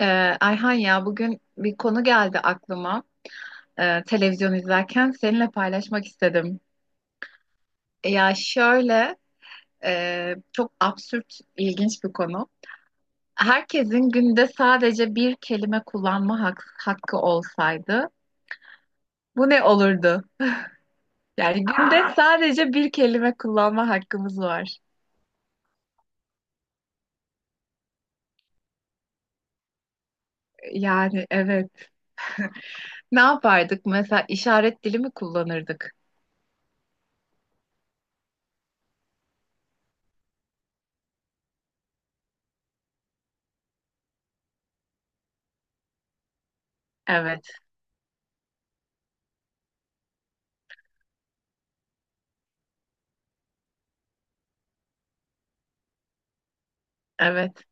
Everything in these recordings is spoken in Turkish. Ee, Ayhan ya bugün bir konu geldi aklıma. Televizyon izlerken seninle paylaşmak istedim. Ya şöyle, çok absürt ilginç bir konu. Herkesin günde sadece bir kelime kullanma hakkı olsaydı bu ne olurdu? Yani günde sadece bir kelime kullanma hakkımız var. Yani evet. Ne yapardık? Mesela işaret dili mi kullanırdık? Evet, evet.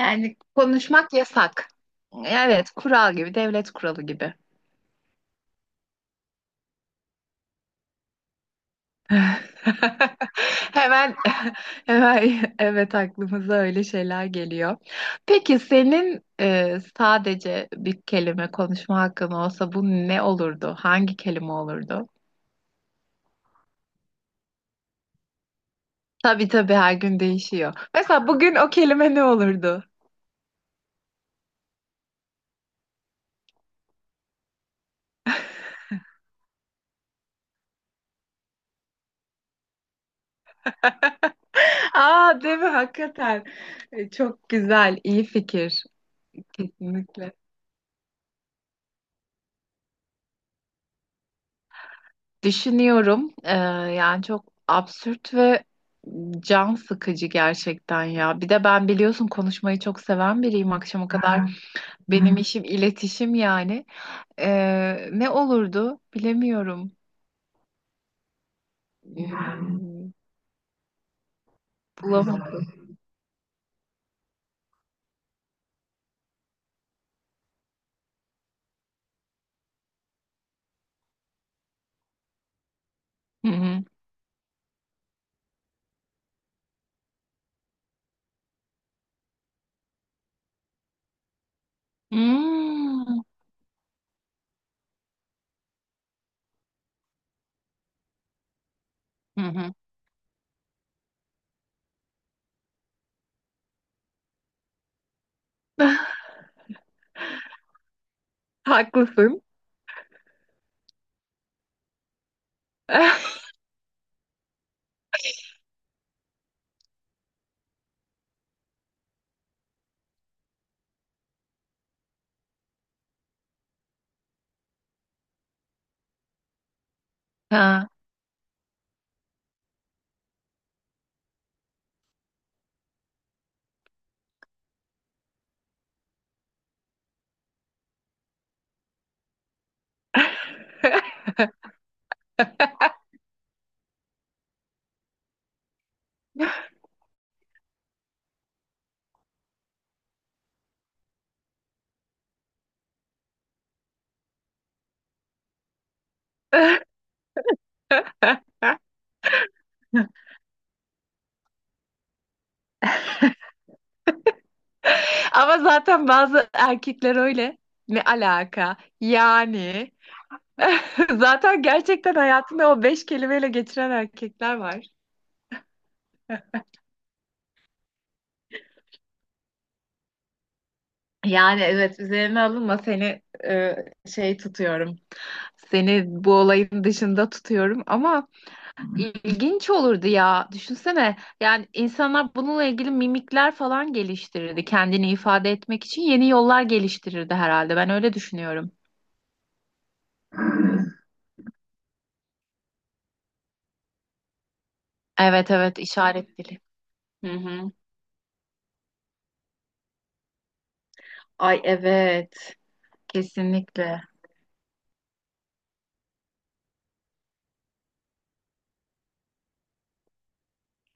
Yani konuşmak yasak. Evet, kural gibi, devlet kuralı gibi. Hemen, hemen evet aklımıza öyle şeyler geliyor. Peki senin sadece bir kelime konuşma hakkın olsa bu ne olurdu? Hangi kelime olurdu? Tabii tabii her gün değişiyor. Mesela bugün o kelime ne olurdu? Aa, değil mi? Hakikaten. E, çok güzel, iyi fikir. Kesinlikle. Düşünüyorum. Yani çok absürt ve can sıkıcı gerçekten ya. Bir de ben biliyorsun konuşmayı çok seven biriyim. Akşama kadar. Ha, benim işim iletişim yani. Ne olurdu bilemiyorum. Hmm, bulamadım. Hı hı. Hmm, hı hı. Haklısın. Ha. Ama zaten bazı erkekler öyle. Ne alaka? Yani. Zaten gerçekten hayatında o beş kelimeyle geçiren erkekler var. Yani evet, üzerine alınma, seni şey tutuyorum. Seni bu olayın dışında tutuyorum ama ilginç olurdu ya. Düşünsene, yani insanlar bununla ilgili mimikler falan geliştirirdi. Kendini ifade etmek için yeni yollar geliştirirdi herhalde. Ben öyle düşünüyorum. Evet evet, işaret dili. Hı hı. Ay evet, kesinlikle.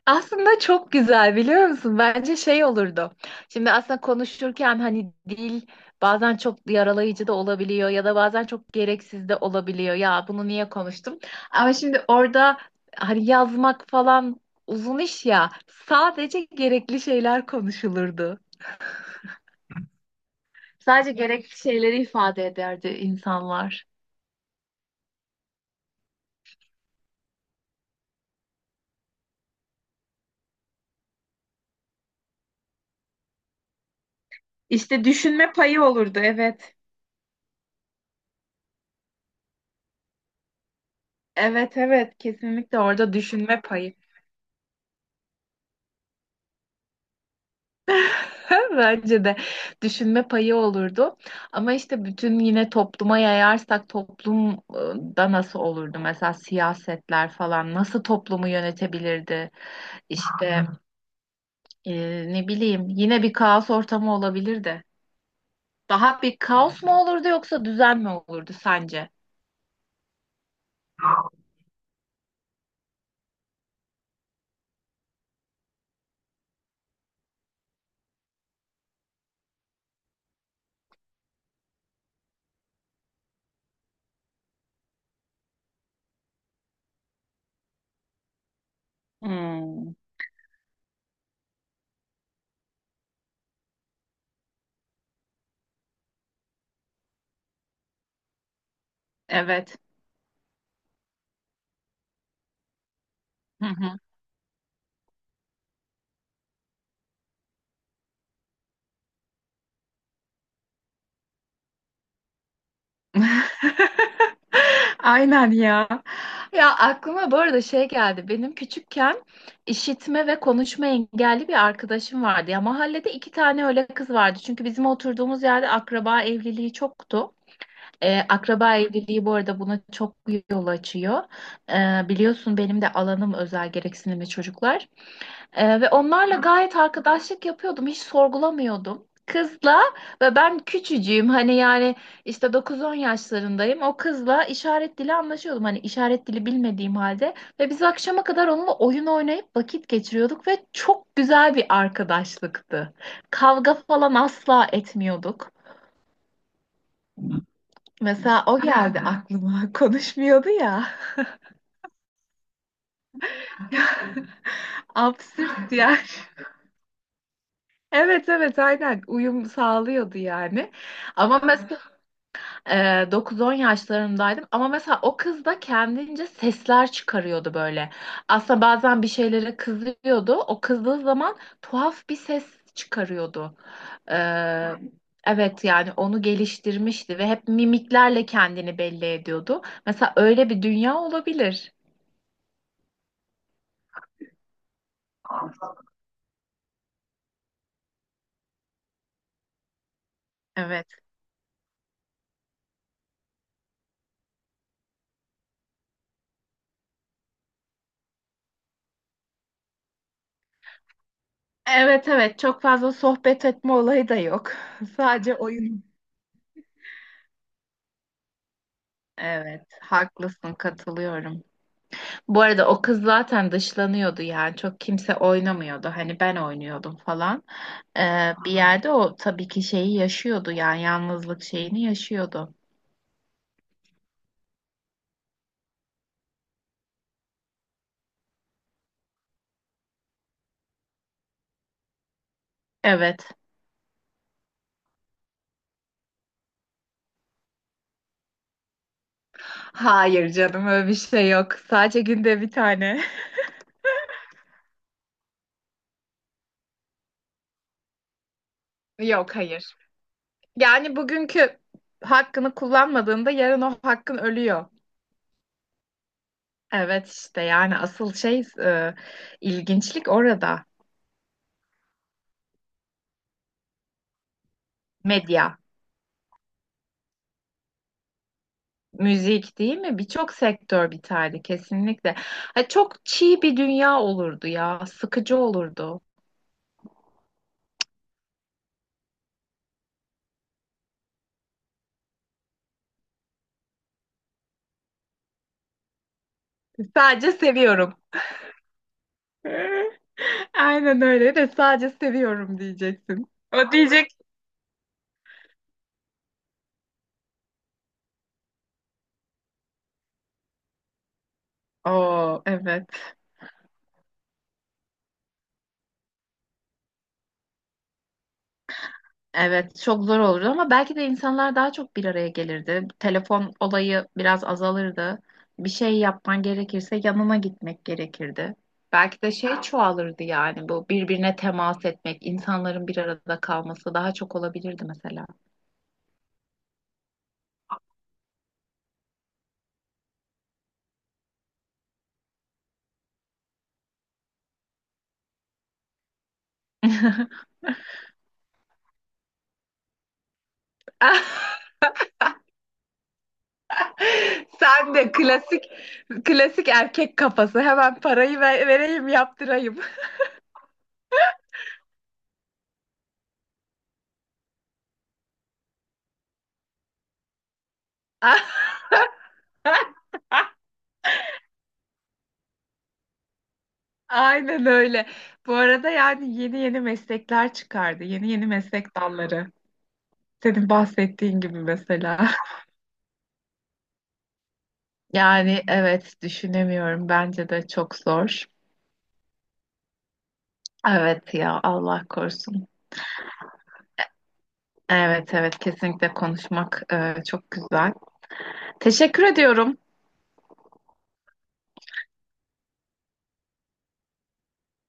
Aslında çok güzel, biliyor musun? Bence şey olurdu. Şimdi aslında konuşurken hani dil bazen çok yaralayıcı da olabiliyor ya da bazen çok gereksiz de olabiliyor. Ya bunu niye konuştum? Ama şimdi orada hani yazmak falan uzun iş ya. Sadece gerekli şeyler konuşulurdu. Sadece gerekli şeyleri ifade ederdi insanlar. İşte düşünme payı olurdu, evet. Evet evet, kesinlikle orada düşünme payı. Bence de düşünme payı olurdu. Ama işte bütün yine topluma yayarsak toplumda nasıl olurdu? Mesela siyasetler falan nasıl toplumu yönetebilirdi? İşte, e, ne bileyim, yine bir kaos ortamı olabilirdi. Daha bir kaos mu olurdu yoksa düzen mi olurdu sence? Hmm. Evet. Aynen ya. Ya aklıma bu arada şey geldi. Benim küçükken işitme ve konuşma engelli bir arkadaşım vardı. Ya mahallede iki tane öyle kız vardı. Çünkü bizim oturduğumuz yerde akraba evliliği çoktu. Akraba evliliği bu arada buna çok yol açıyor. Biliyorsun benim de alanım özel gereksinimli çocuklar. Ve onlarla gayet arkadaşlık yapıyordum. Hiç sorgulamıyordum. Kızla ve ben küçücüğüm, hani yani işte dokuz-on yaşlarındayım. O kızla işaret dili anlaşıyordum. Hani işaret dili bilmediğim halde. Ve biz akşama kadar onunla oyun oynayıp vakit geçiriyorduk ve çok güzel bir arkadaşlıktı. Kavga falan asla etmiyorduk. Mesela o geldi aklıma. Konuşmuyordu ya. Absürt yani. Evet evet aynen, uyum sağlıyordu yani. Ama mesela Ee, 9-10 yaşlarındaydım ama mesela o kız da kendince sesler çıkarıyordu böyle. Aslında bazen bir şeylere kızıyordu. O kızdığı zaman tuhaf bir ses çıkarıyordu. Ee, evet, yani onu geliştirmişti ve hep mimiklerle kendini belli ediyordu. Mesela öyle bir dünya olabilir. Evet. Evet evet, çok fazla sohbet etme olayı da yok. Sadece oyun. Evet haklısın, katılıyorum. Bu arada o kız zaten dışlanıyordu yani çok kimse oynamıyordu, hani ben oynuyordum falan. Bir yerde o tabii ki şeyi yaşıyordu yani yalnızlık şeyini yaşıyordu. Evet. Hayır canım, öyle bir şey yok. Sadece günde bir tane. Yok hayır. Yani bugünkü hakkını kullanmadığında yarın o hakkın ölüyor. Evet işte, yani asıl şey, ilginçlik orada. Medya. Müzik değil mi? Birçok sektör biterdi kesinlikle. Ha, çok çiğ bir dünya olurdu ya. Sıkıcı olurdu. Sadece seviyorum. Aynen öyle, de sadece seviyorum diyeceksin. O diyecek. Oo evet. Evet çok zor olurdu ama belki de insanlar daha çok bir araya gelirdi. Telefon olayı biraz azalırdı. Bir şey yapman gerekirse yanına gitmek gerekirdi. Belki de şey çoğalırdı yani bu birbirine temas etmek, insanların bir arada kalması daha çok olabilirdi mesela. Sen de klasik erkek kafası. Hemen parayı vereyim, yaptırayım. Aynen öyle. Bu arada yani yeni yeni meslekler çıkardı. Yeni yeni meslek dalları. Senin bahsettiğin gibi mesela. Yani evet, düşünemiyorum. Bence de çok zor. Evet ya, Allah korusun. Evet evet, kesinlikle konuşmak çok güzel. Teşekkür ediyorum.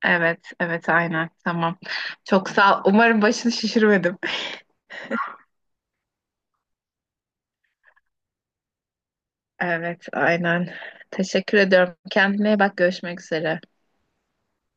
Evet, evet aynen. Tamam. Çok sağ ol. Umarım başını şişirmedim. Evet, aynen. Teşekkür ediyorum. Kendine iyi bak. Görüşmek üzere.